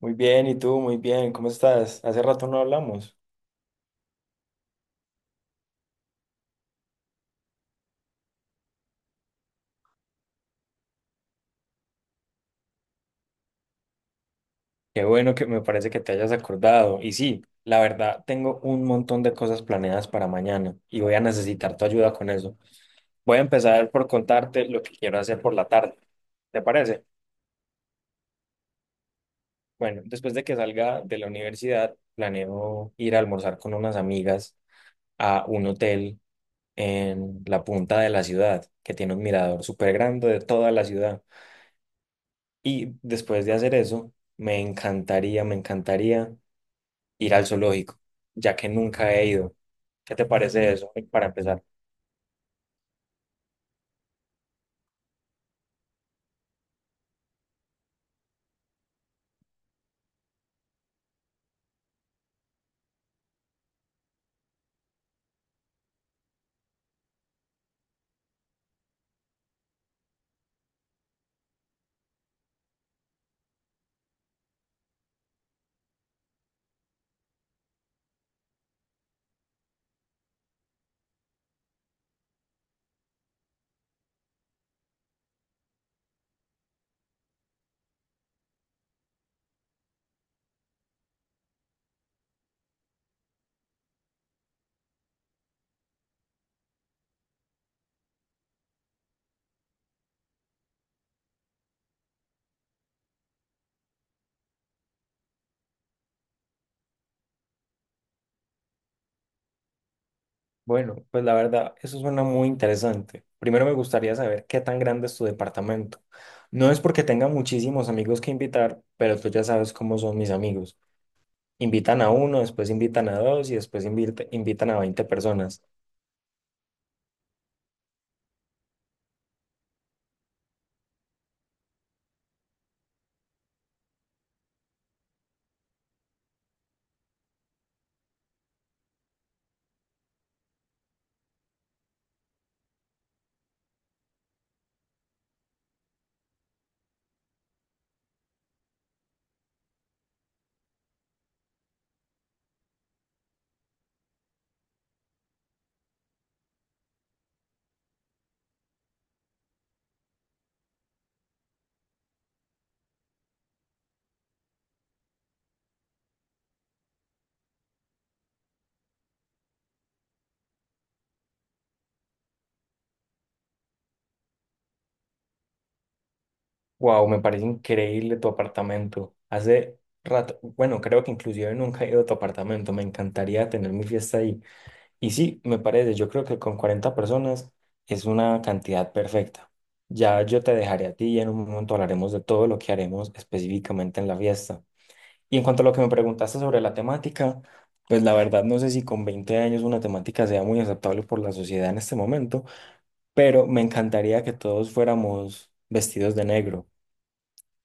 Muy bien, ¿y tú? Muy bien, ¿cómo estás? Hace rato no hablamos. Qué bueno que me parece que te hayas acordado. Y sí, la verdad, tengo un montón de cosas planeadas para mañana y voy a necesitar tu ayuda con eso. Voy a empezar por contarte lo que quiero hacer por la tarde. ¿Te parece? Bueno, después de que salga de la universidad, planeo ir a almorzar con unas amigas a un hotel en la punta de la ciudad, que tiene un mirador súper grande de toda la ciudad. Y después de hacer eso, me encantaría ir al zoológico, ya que nunca he ido. ¿Qué te parece eso, para empezar? Bueno, pues la verdad, eso suena muy interesante. Primero me gustaría saber qué tan grande es tu departamento. No es porque tenga muchísimos amigos que invitar, pero tú ya sabes cómo son mis amigos. Invitan a uno, después invitan a dos y después invitan a 20 personas. Wow, me parece increíble tu apartamento. Hace rato, bueno, creo que inclusive nunca he ido a tu apartamento. Me encantaría tener mi fiesta ahí. Y sí, me parece, yo creo que con 40 personas es una cantidad perfecta. Ya yo te dejaré a ti y en un momento hablaremos de todo lo que haremos específicamente en la fiesta. Y en cuanto a lo que me preguntaste sobre la temática, pues la verdad no sé si con 20 años una temática sea muy aceptable por la sociedad en este momento, pero me encantaría que todos fuéramos vestidos de negro.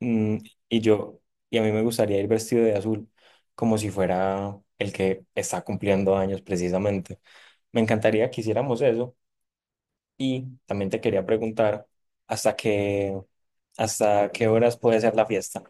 Mm, y yo, y a mí me gustaría ir vestido de azul, como si fuera el que está cumpliendo años precisamente. Me encantaría que hiciéramos eso. Y también te quería preguntar, ¿hasta qué, hasta qué horas puede ser la fiesta?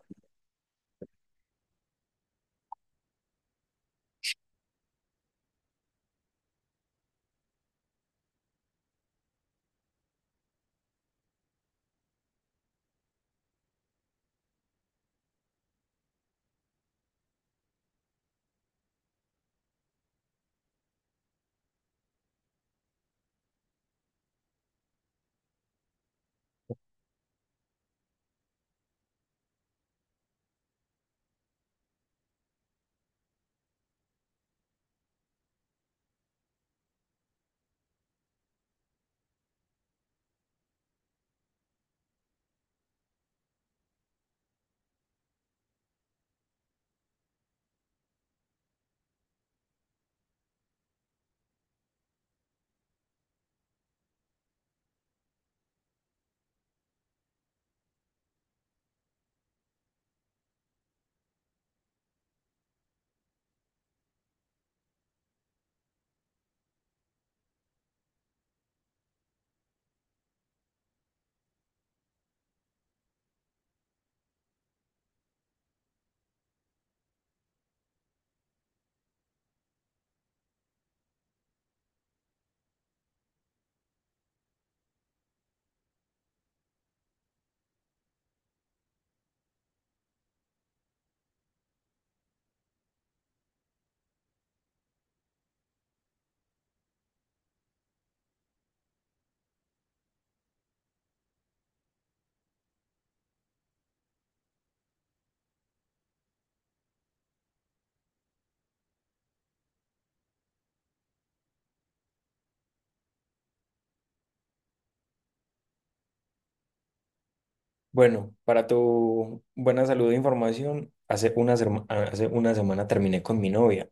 Bueno, para tu buena salud e información, hace una semana terminé con mi novia.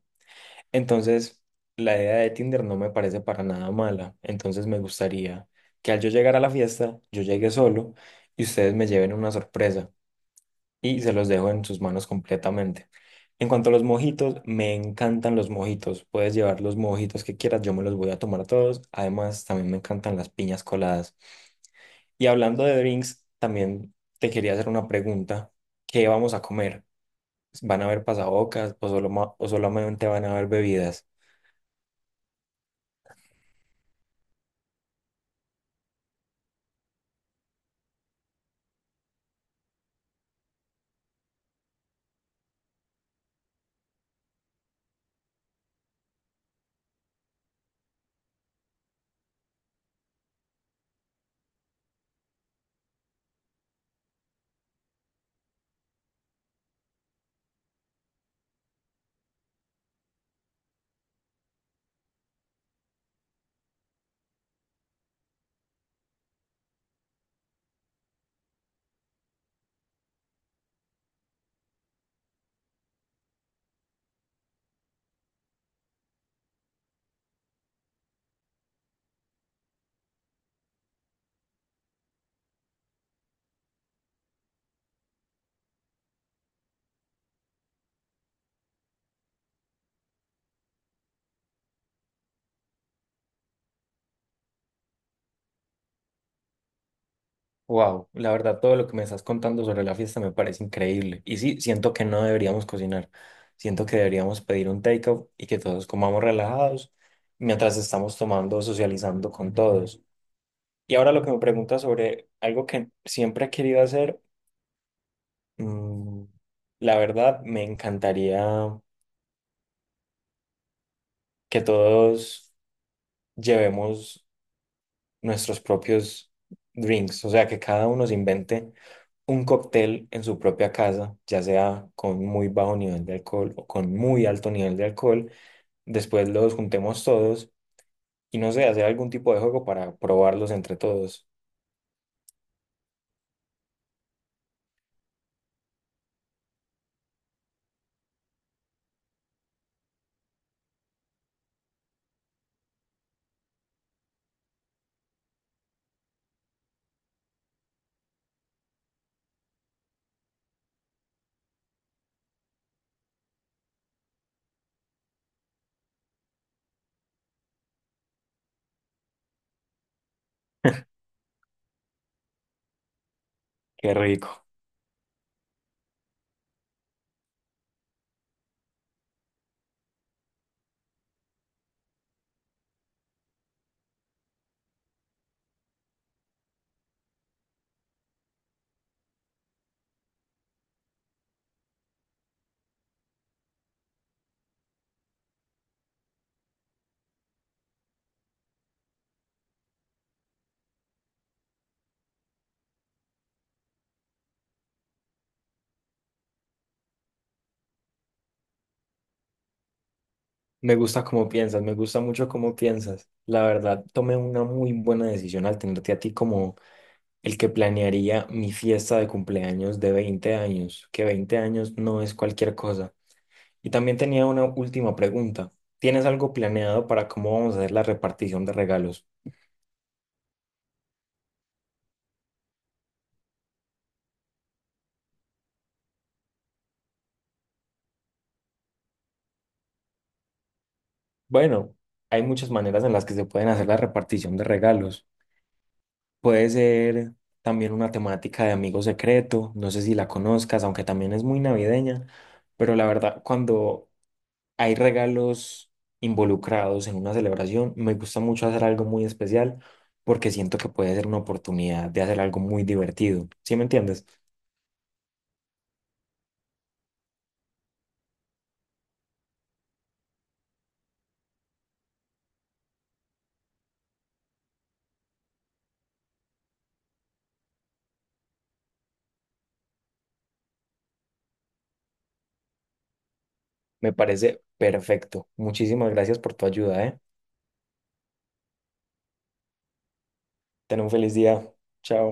Entonces, la idea de Tinder no me parece para nada mala. Entonces, me gustaría que al yo llegar a la fiesta, yo llegue solo y ustedes me lleven una sorpresa y se los dejo en sus manos completamente. En cuanto a los mojitos, me encantan los mojitos. Puedes llevar los mojitos que quieras, yo me los voy a tomar todos. Además, también me encantan las piñas coladas. Y hablando de drinks, también te quería hacer una pregunta. ¿Qué vamos a comer? ¿Van a haber pasabocas o, o solamente van a haber bebidas? Wow, la verdad, todo lo que me estás contando sobre la fiesta me parece increíble. Y sí, siento que no deberíamos cocinar. Siento que deberíamos pedir un takeout y que todos comamos relajados mientras estamos tomando, socializando con todos. Y ahora lo que me preguntas sobre algo que siempre he querido hacer, mm, la verdad, me encantaría que todos llevemos nuestros propios drinks, o sea, que cada uno se invente un cóctel en su propia casa, ya sea con muy bajo nivel de alcohol o con muy alto nivel de alcohol. Después los juntemos todos y no sé, hacer algún tipo de juego para probarlos entre todos. Qué rico. Me gusta cómo piensas, me gusta mucho cómo piensas. La verdad, tomé una muy buena decisión al tenerte a ti como el que planearía mi fiesta de cumpleaños de 20 años, que 20 años no es cualquier cosa. Y también tenía una última pregunta. ¿Tienes algo planeado para cómo vamos a hacer la repartición de regalos? Bueno, hay muchas maneras en las que se pueden hacer la repartición de regalos. Puede ser también una temática de amigo secreto, no sé si la conozcas, aunque también es muy navideña, pero la verdad, cuando hay regalos involucrados en una celebración, me gusta mucho hacer algo muy especial porque siento que puede ser una oportunidad de hacer algo muy divertido. ¿Sí me entiendes? Me parece perfecto. Muchísimas gracias por tu ayuda, ¿eh? Ten un feliz día. Chao.